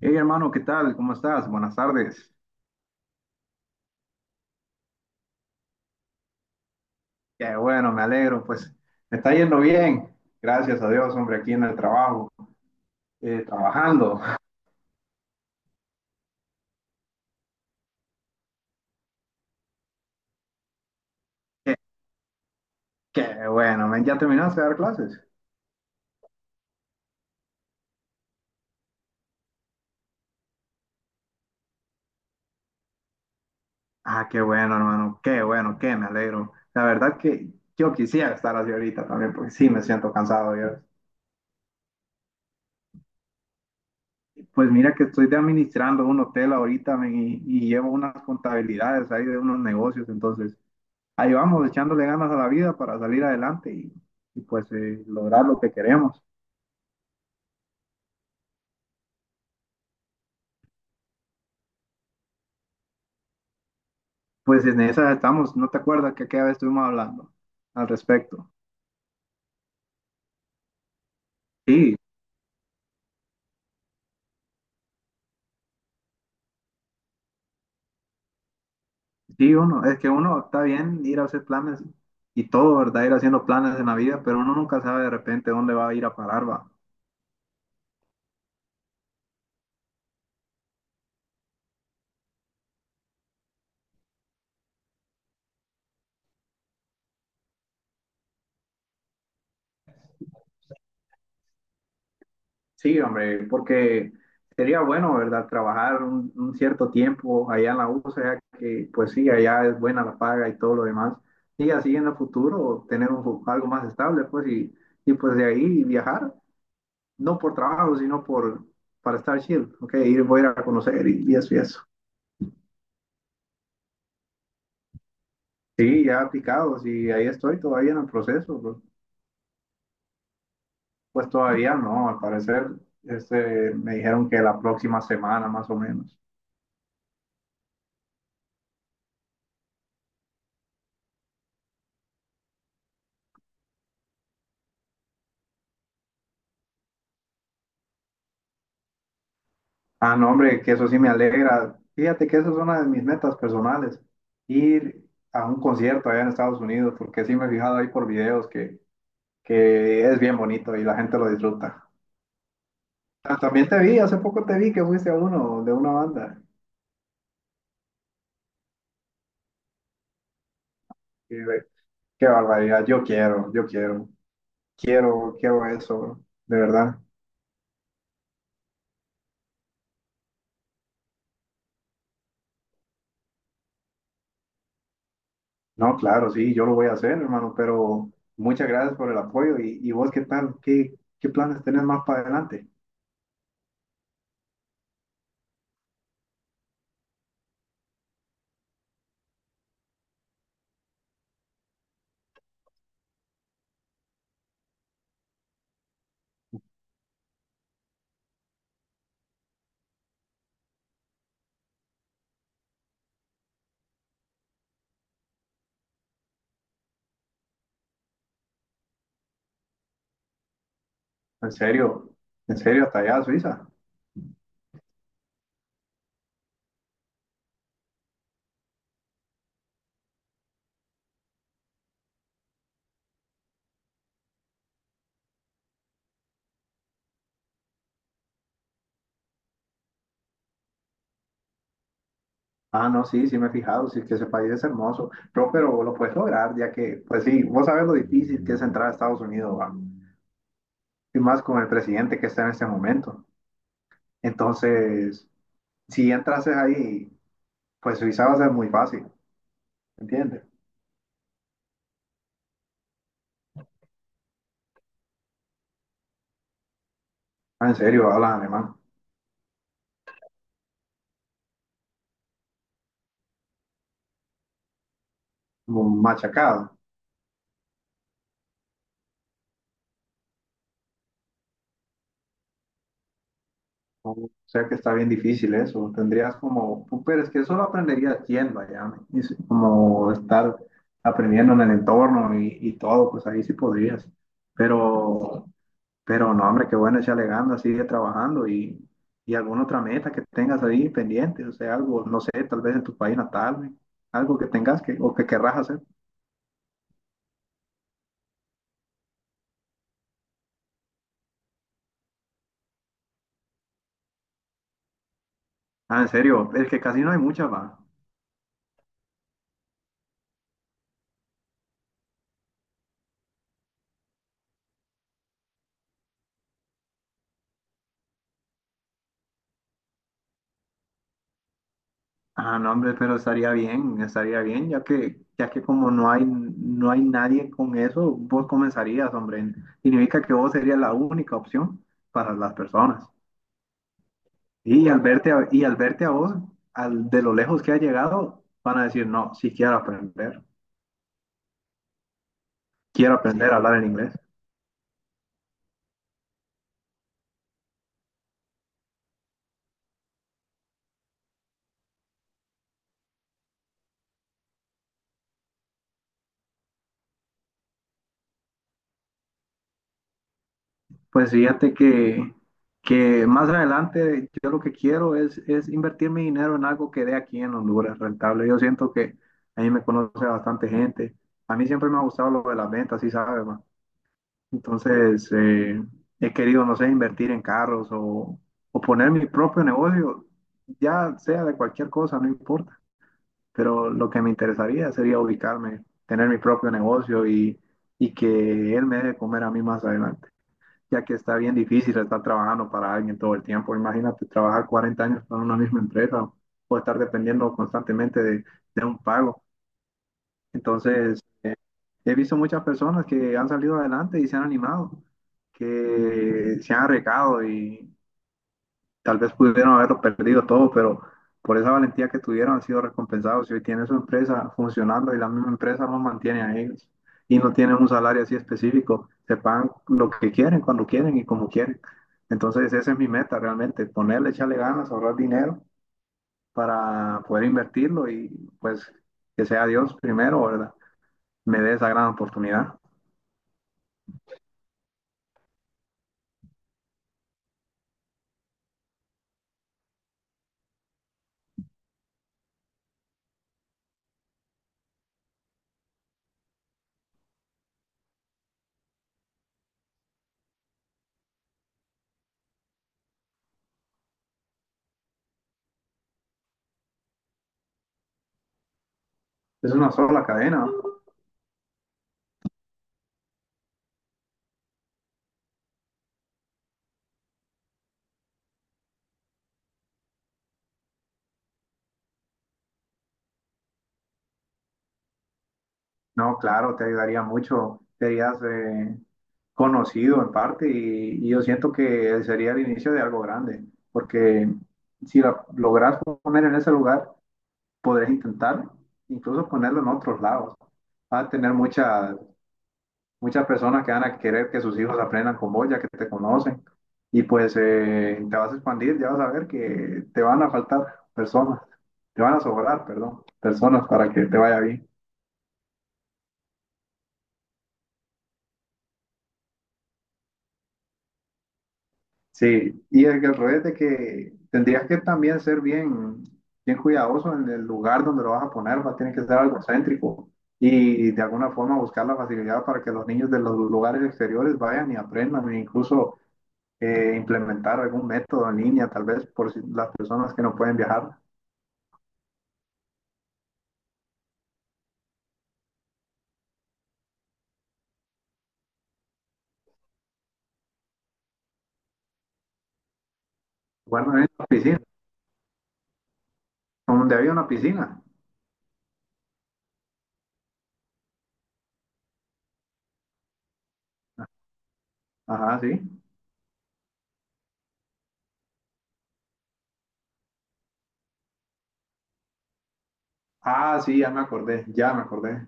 Hey hermano, ¿qué tal? ¿Cómo estás? Buenas tardes. Qué bueno, me alegro. Pues me está yendo bien. Gracias a Dios, hombre, aquí en el trabajo, trabajando. Qué, qué bueno, men. ¿Ya terminaste de dar clases? Ah, qué bueno, hermano. Qué bueno, qué me alegro. La verdad que yo quisiera estar así ahorita también, porque sí me siento cansado yo. Pues mira que estoy de administrando un hotel ahorita, men, y llevo unas contabilidades ahí de unos negocios, entonces ahí vamos echándole ganas a la vida para salir adelante y, pues lograr lo que queremos. Pues en esa estamos, ¿no te acuerdas que aquella vez estuvimos hablando al respecto? Sí, sí, uno, es que uno está bien ir a hacer planes y todo, ¿verdad? Ir haciendo planes en la vida, pero uno nunca sabe de repente dónde va a ir a parar, va. Sí, hombre, porque sería bueno, ¿verdad? Trabajar un cierto tiempo allá en la USA, ya que pues sí, allá es buena la paga y todo lo demás. Y así en el futuro tener un, algo más estable, pues, y pues de ahí viajar, no por trabajo, sino por, para estar chill, ¿ok? Ir, voy a ir a conocer y eso y eso. Sí, ya aplicados y ahí estoy todavía en el proceso, bro. Pues todavía no, al parecer, este, me dijeron que la próxima semana más o menos. Ah, no, hombre, que eso sí me alegra. Fíjate que esa es una de mis metas personales, ir a un concierto allá en Estados Unidos, porque sí me he fijado ahí por videos que es bien bonito y la gente lo disfruta. Ah, también te vi, hace poco te vi que fuiste a uno de una banda. Qué, qué barbaridad, yo quiero, quiero, quiero eso, de verdad. No, claro, sí, yo lo voy a hacer, hermano, pero muchas gracias por el apoyo. Y vos qué tal? ¿Qué, qué planes tenés más para adelante? En serio, en serio, hasta allá, a Suiza. Ah, no, sí, sí me he fijado, sí que ese país es hermoso, pero lo puedes lograr, ya que, pues sí, vos sabes lo difícil que es entrar a Estados Unidos, va, y más con el presidente que está en este momento. Entonces, si entrases ahí, pues Suiza va a ser muy fácil, ¿entiendes? Ah, en serio, hablas alemán, como machacado. O sea que está bien difícil eso, tendrías como, pues, pero es que eso lo aprenderías yendo allá, ¿no? Y sí, como estar aprendiendo en el entorno y todo, pues ahí sí podrías. Pero... pero no, hombre, qué bueno echarle ganas, sigue trabajando y alguna otra meta que tengas ahí pendiente, o sea, algo, no sé, tal vez en tu país natal, güey, algo que tengas que o que querrás hacer. Ah, en serio, es que casi no hay muchas, va. Ah, no, hombre, pero estaría bien, ya que como no hay, no hay nadie con eso, vos comenzarías, hombre. Significa que vos serías la única opción para las personas. Y al verte a vos, al, de lo lejos que has llegado, van a decir, no, si quiero aprender. Quiero aprender a hablar en inglés. Pues fíjate que más adelante yo lo que quiero es invertir mi dinero en algo que dé aquí en Honduras rentable. Yo siento que a mí me conoce bastante gente. A mí siempre me ha gustado lo de las ventas, sí sabes, ma. Entonces he querido, no sé, invertir en carros o poner mi propio negocio, ya sea de cualquier cosa, no importa. Pero lo que me interesaría sería ubicarme, tener mi propio negocio y que él me dé de comer a mí más adelante, ya que está bien difícil estar trabajando para alguien todo el tiempo. Imagínate trabajar 40 años para una misma empresa o estar dependiendo constantemente de un pago. Entonces, he visto muchas personas que han salido adelante y se han animado, que se han arriesgado y, tal vez pudieron haberlo perdido todo, pero por esa valentía que tuvieron han sido recompensados y hoy tienen su empresa funcionando y la misma empresa los mantiene a ellos y no tienen un salario así específico, se pagan lo que quieren, cuando quieren y como quieren. Entonces esa es mi meta realmente, ponerle, echarle ganas, ahorrar dinero para poder invertirlo y pues que sea Dios primero, ¿verdad? Me dé esa gran oportunidad. Es una sola cadena. No, claro, te ayudaría mucho, te harías conocido en parte y yo siento que sería el inicio de algo grande, porque si la logras poner en ese lugar, podrás intentar incluso ponerlo en otros lados. Va a tener muchas, muchas personas que van a querer que sus hijos aprendan con vos, ya que te conocen, y pues te vas a expandir, ya vas a ver que te van a faltar personas, te van a sobrar, perdón, personas para que te vaya bien. Sí, y el, que al revés de que tendrías que también ser bien, bien cuidadoso en el lugar donde lo vas a poner, va, tiene que ser algo céntrico y de alguna forma buscar la facilidad para que los niños de los lugares exteriores vayan y aprendan e incluso implementar algún método en línea, tal vez por si las personas que no pueden viajar. Bueno, en la piscina, donde había una piscina. Ajá, sí. Ah, sí, ya me acordé, ya me acordé.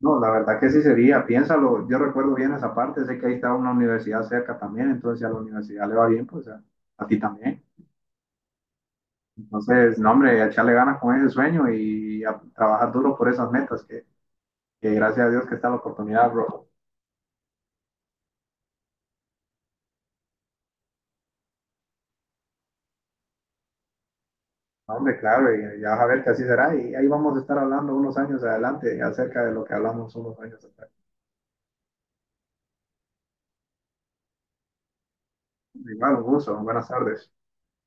No, la verdad que sí sería, piénsalo, yo recuerdo bien esa parte, sé que ahí está una universidad cerca también, entonces si a la universidad le va bien, pues a ti también. Entonces, no, hombre, echarle ganas con ese sueño y a trabajar duro por esas metas, que gracias a Dios que está la oportunidad, bro. No, hombre, claro, y ya vas a ver que así será, y ahí vamos a estar hablando unos años adelante acerca de lo que hablamos unos años atrás. Igual, un gusto, buenas tardes.